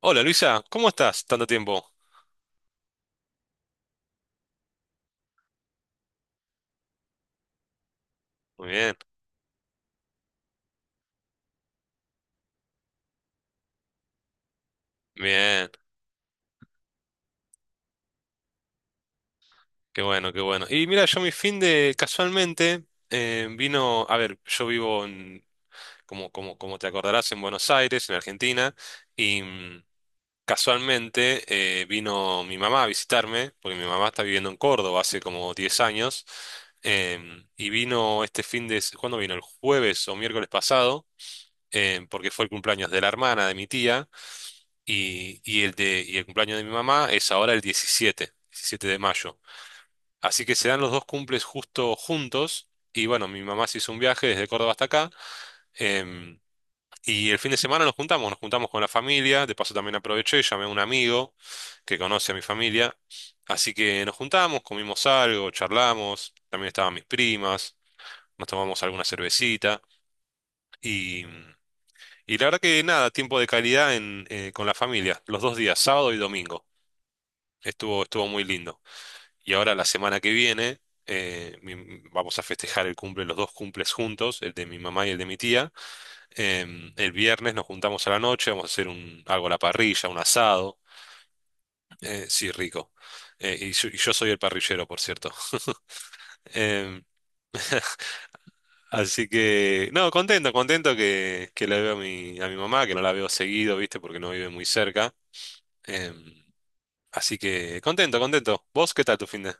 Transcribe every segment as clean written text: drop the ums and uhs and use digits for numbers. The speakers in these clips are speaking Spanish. Hola Luisa, ¿cómo estás? Tanto tiempo. Muy bien, bien, qué bueno, qué bueno. Y mira, yo mi fin de casualmente vino, a ver, yo vivo en, como te acordarás, en Buenos Aires, en Argentina, y casualmente vino mi mamá a visitarme, porque mi mamá está viviendo en Córdoba hace como 10 años, y vino este fin de, ¿cuándo vino? El jueves o miércoles pasado, porque fue el cumpleaños de la hermana de mi tía. Y el cumpleaños de mi mamá es ahora el diecisiete de mayo. Así que se dan los dos cumples justo juntos. Y bueno, mi mamá se hizo un viaje desde Córdoba hasta acá. em, y el fin de semana nos juntamos con la familia. De paso también aproveché, llamé a un amigo que conoce a mi familia. Así que nos juntamos, comimos algo, charlamos. También estaban mis primas, nos tomamos alguna cervecita. Y, y la verdad que nada, tiempo de calidad con la familia, los dos días, sábado y domingo. Estuvo muy lindo. Y ahora la semana que viene vamos a festejar el cumple, los dos cumples juntos, el de mi mamá y el de mi tía. El viernes nos juntamos a la noche, vamos a hacer algo a la parrilla, un asado. Sí, rico. Y yo soy el parrillero, por cierto. Em, así que, no, contento, contento que la veo a mi mamá, que no la veo seguido, ¿viste? Porque no vive muy cerca. Em, así que, contento, contento. ¿Vos qué tal tu fin de?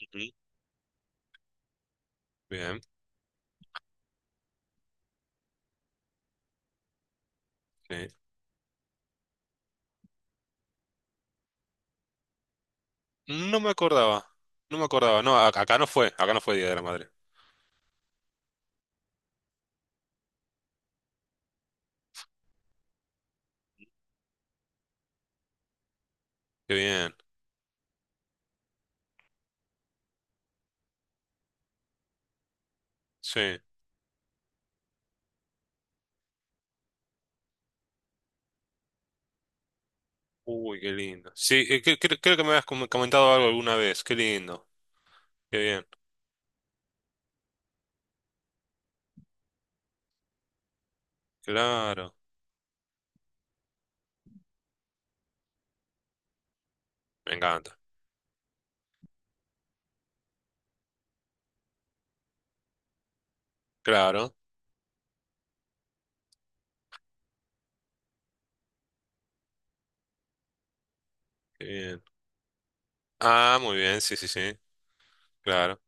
Ujú. Bien. Sí. No me acordaba, no me acordaba. No, acá no fue Día de la Madre. Qué bien, sí. Uy, qué lindo. Sí, creo que me habías comentado algo alguna vez. Qué lindo, qué bien. Claro, me encanta. Claro, qué bien. Ah, muy bien, sí, sí, sí, claro.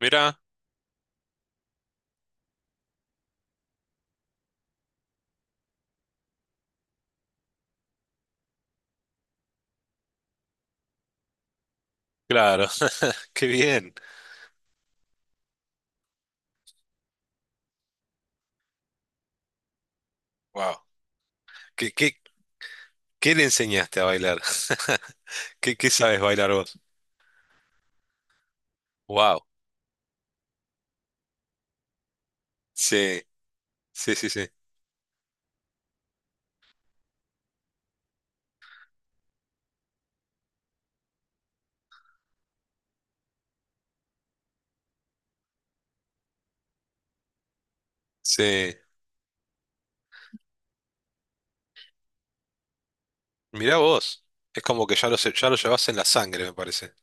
Mira, claro, qué bien. Wow. ¿Qué, qué, qué le enseñaste a bailar? ¿Qué sabes bailar vos? Wow. Sí, sí, sí, sí. Sí. Mirá vos. Es como que ya lo, ya lo llevas en la sangre, me parece.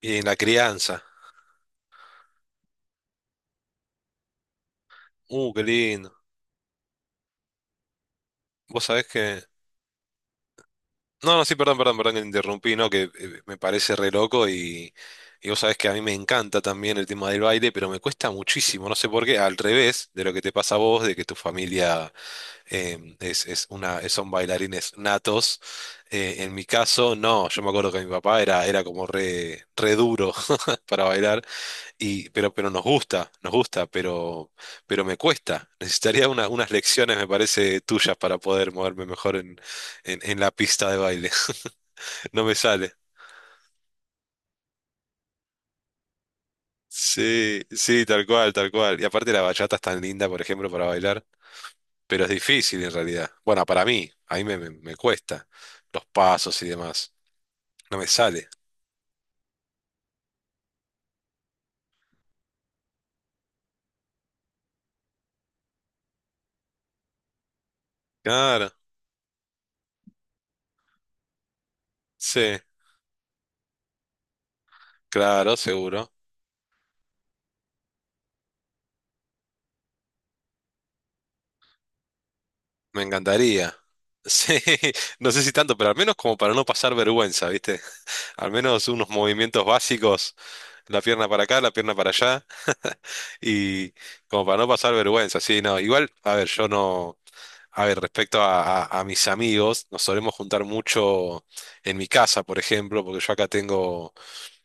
Y en la crianza. Qué lindo. Vos sabés que... No, no, sí, perdón, perdón, perdón que te interrumpí, ¿no? Que me parece re loco y vos sabés que a mí me encanta también el tema del baile, pero me cuesta muchísimo, no sé por qué, al revés de lo que te pasa a vos, de que tu familia son bailarines natos. En mi caso, no, yo me acuerdo que mi papá era como re duro para bailar. Y, pero nos gusta, pero me cuesta. Necesitaría unas lecciones, me parece, tuyas para poder moverme mejor en la pista de baile. No me sale. Sí, sí, tal cual, tal cual. Y aparte la bachata es tan linda, por ejemplo, para bailar, pero es difícil en realidad. Bueno, para mí, a mí me cuesta los pasos y demás. No me sale. Claro, sí, claro, seguro. Me encantaría. Sí, no sé si tanto, pero al menos como para no pasar vergüenza, ¿viste? Al menos unos movimientos básicos, la pierna para acá, la pierna para allá, y como para no pasar vergüenza, sí, no, igual, a ver, yo no, a ver, respecto a, a mis amigos, nos solemos juntar mucho en mi casa, por ejemplo, porque yo acá tengo,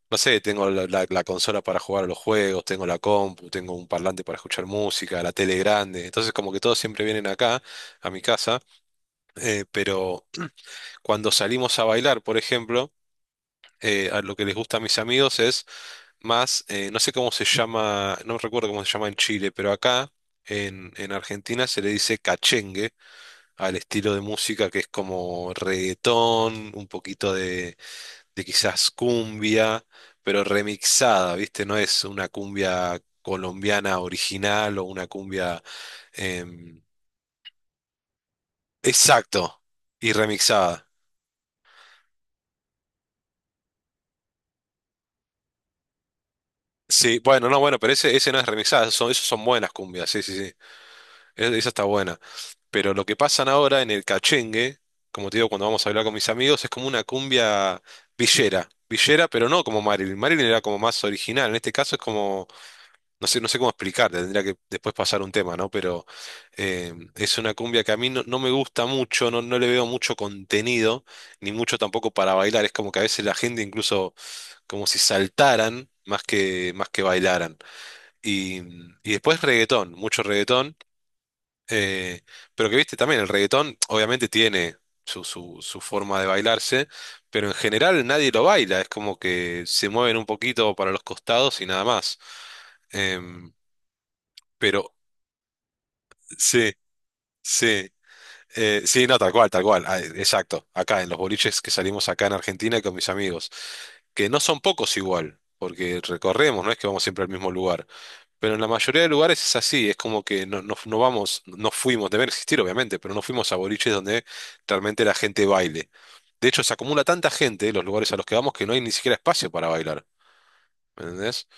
no sé, tengo la consola para jugar a los juegos, tengo la compu, tengo un parlante para escuchar música, la tele grande, entonces como que todos siempre vienen acá, a mi casa, pero cuando salimos a bailar, por ejemplo, a lo que les gusta a mis amigos es más, no sé cómo se llama, no recuerdo cómo se llama en Chile, pero acá en Argentina se le dice cachengue al estilo de música que es como reggaetón, un poquito de quizás cumbia, pero remixada, ¿viste? No es una cumbia colombiana original o una cumbia... em, exacto, y remixada. Sí, bueno, no, bueno, pero ese no es remixada, esas son buenas cumbias, sí, sí, sí, esa está buena. Pero lo que pasan ahora en el cachengue, como te digo, cuando vamos a hablar con mis amigos, es como una cumbia villera. Villera, pero no como Marilyn. Marilyn era como más original. En este caso es como, no sé, no sé cómo explicarte, tendría que después pasar un tema, ¿no? Pero es una cumbia que a mí no, no me gusta mucho, no, no le veo mucho contenido, ni mucho tampoco para bailar. Es como que a veces la gente incluso como si saltaran más que bailaran. Y, y después reggaetón, mucho reggaetón eh, pero que viste también, el reggaetón obviamente tiene su forma de bailarse, pero en general nadie lo baila, es como que se mueven un poquito para los costados y nada más. Em, pero sí, sí, sí, no, tal cual, ah, exacto, acá en los boliches que salimos acá en Argentina con mis amigos, que no son pocos igual, porque recorremos, no es que vamos siempre al mismo lugar. Pero en la mayoría de lugares es así, es como que no, no vamos, no fuimos, deben existir obviamente, pero no fuimos a boliches donde realmente la gente baile. De hecho, se acumula tanta gente en los lugares a los que vamos que no hay ni siquiera espacio para bailar, ¿me entendés?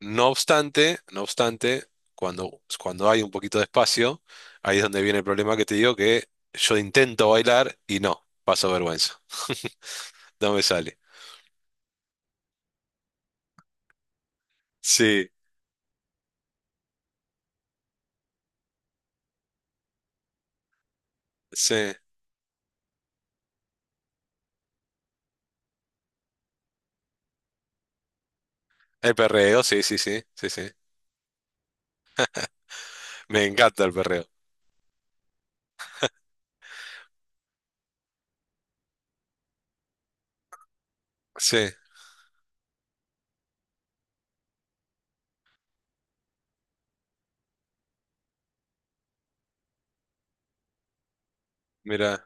No obstante, no obstante, cuando hay un poquito de espacio, ahí es donde viene el problema que te digo que yo intento bailar y no, paso vergüenza, no me sale. Sí, sí. El perreo, sí, sí, sí, sí, sí. Me encanta el perreo. Sí, mira,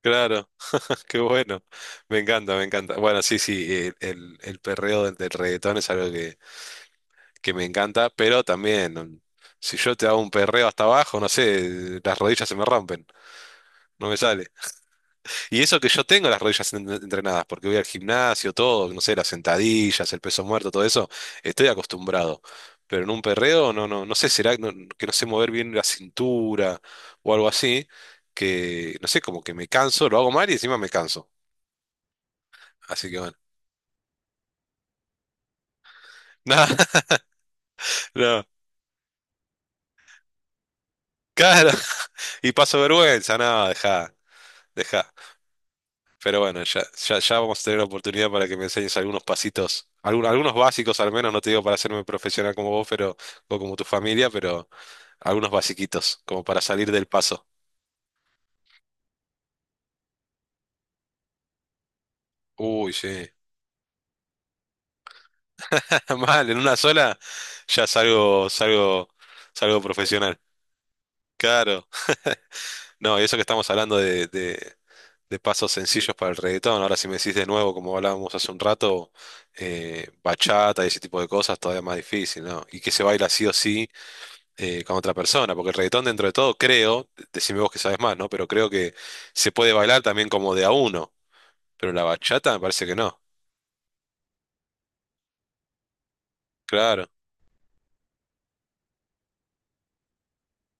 claro. Qué bueno, me encanta, me encanta. Bueno, sí, sí, el perreo del reggaetón es algo que me encanta, pero también, si yo te hago un perreo hasta abajo, no sé, las rodillas se me rompen, no me sale. Y eso que yo tengo las rodillas entrenadas, porque voy al gimnasio, todo, no sé, las sentadillas, el peso muerto, todo eso, estoy acostumbrado. Pero en un perreo, no, no, no sé, será que no sé mover bien la cintura o algo así, que, no sé, como que me canso, lo hago mal y encima me canso. Así que bueno. Nada. Claro, y paso vergüenza, nada, deja, deja. Pero bueno, ya, ya, ya vamos a tener la oportunidad para que me enseñes algunos pasitos, algunos básicos al menos, no te digo para hacerme profesional como vos, pero, o como tu familia, pero algunos basiquitos, como para salir del paso. Uy, sí. Mal, en una sola ya salgo, salgo, salgo profesional. Claro. No, y eso que estamos hablando de de pasos sencillos para el reggaetón. Ahora, si me decís de nuevo, como hablábamos hace un rato, bachata y ese tipo de cosas, todavía más difícil, ¿no? Y que se baila sí o sí con otra persona, porque el reggaetón dentro de todo, creo, decime vos que sabes más, ¿no? Pero creo que se puede bailar también como de a uno, pero la bachata me parece que no. Claro,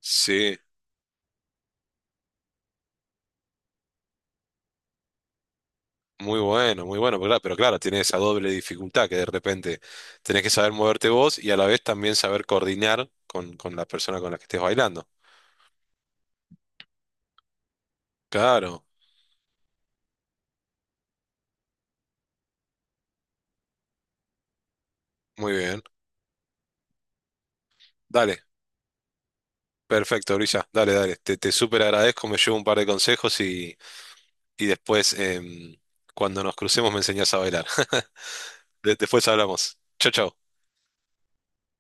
sí. Muy bueno, muy bueno, pero claro, tiene esa doble dificultad que de repente tenés que saber moverte vos y a la vez también saber coordinar con la persona con la que estés bailando. Claro, muy bien. Dale. Perfecto, Brisa. Dale, dale. Te súper agradezco, me llevo un par de consejos y después, cuando nos crucemos, me enseñás a bailar. Después hablamos. Chau, chau.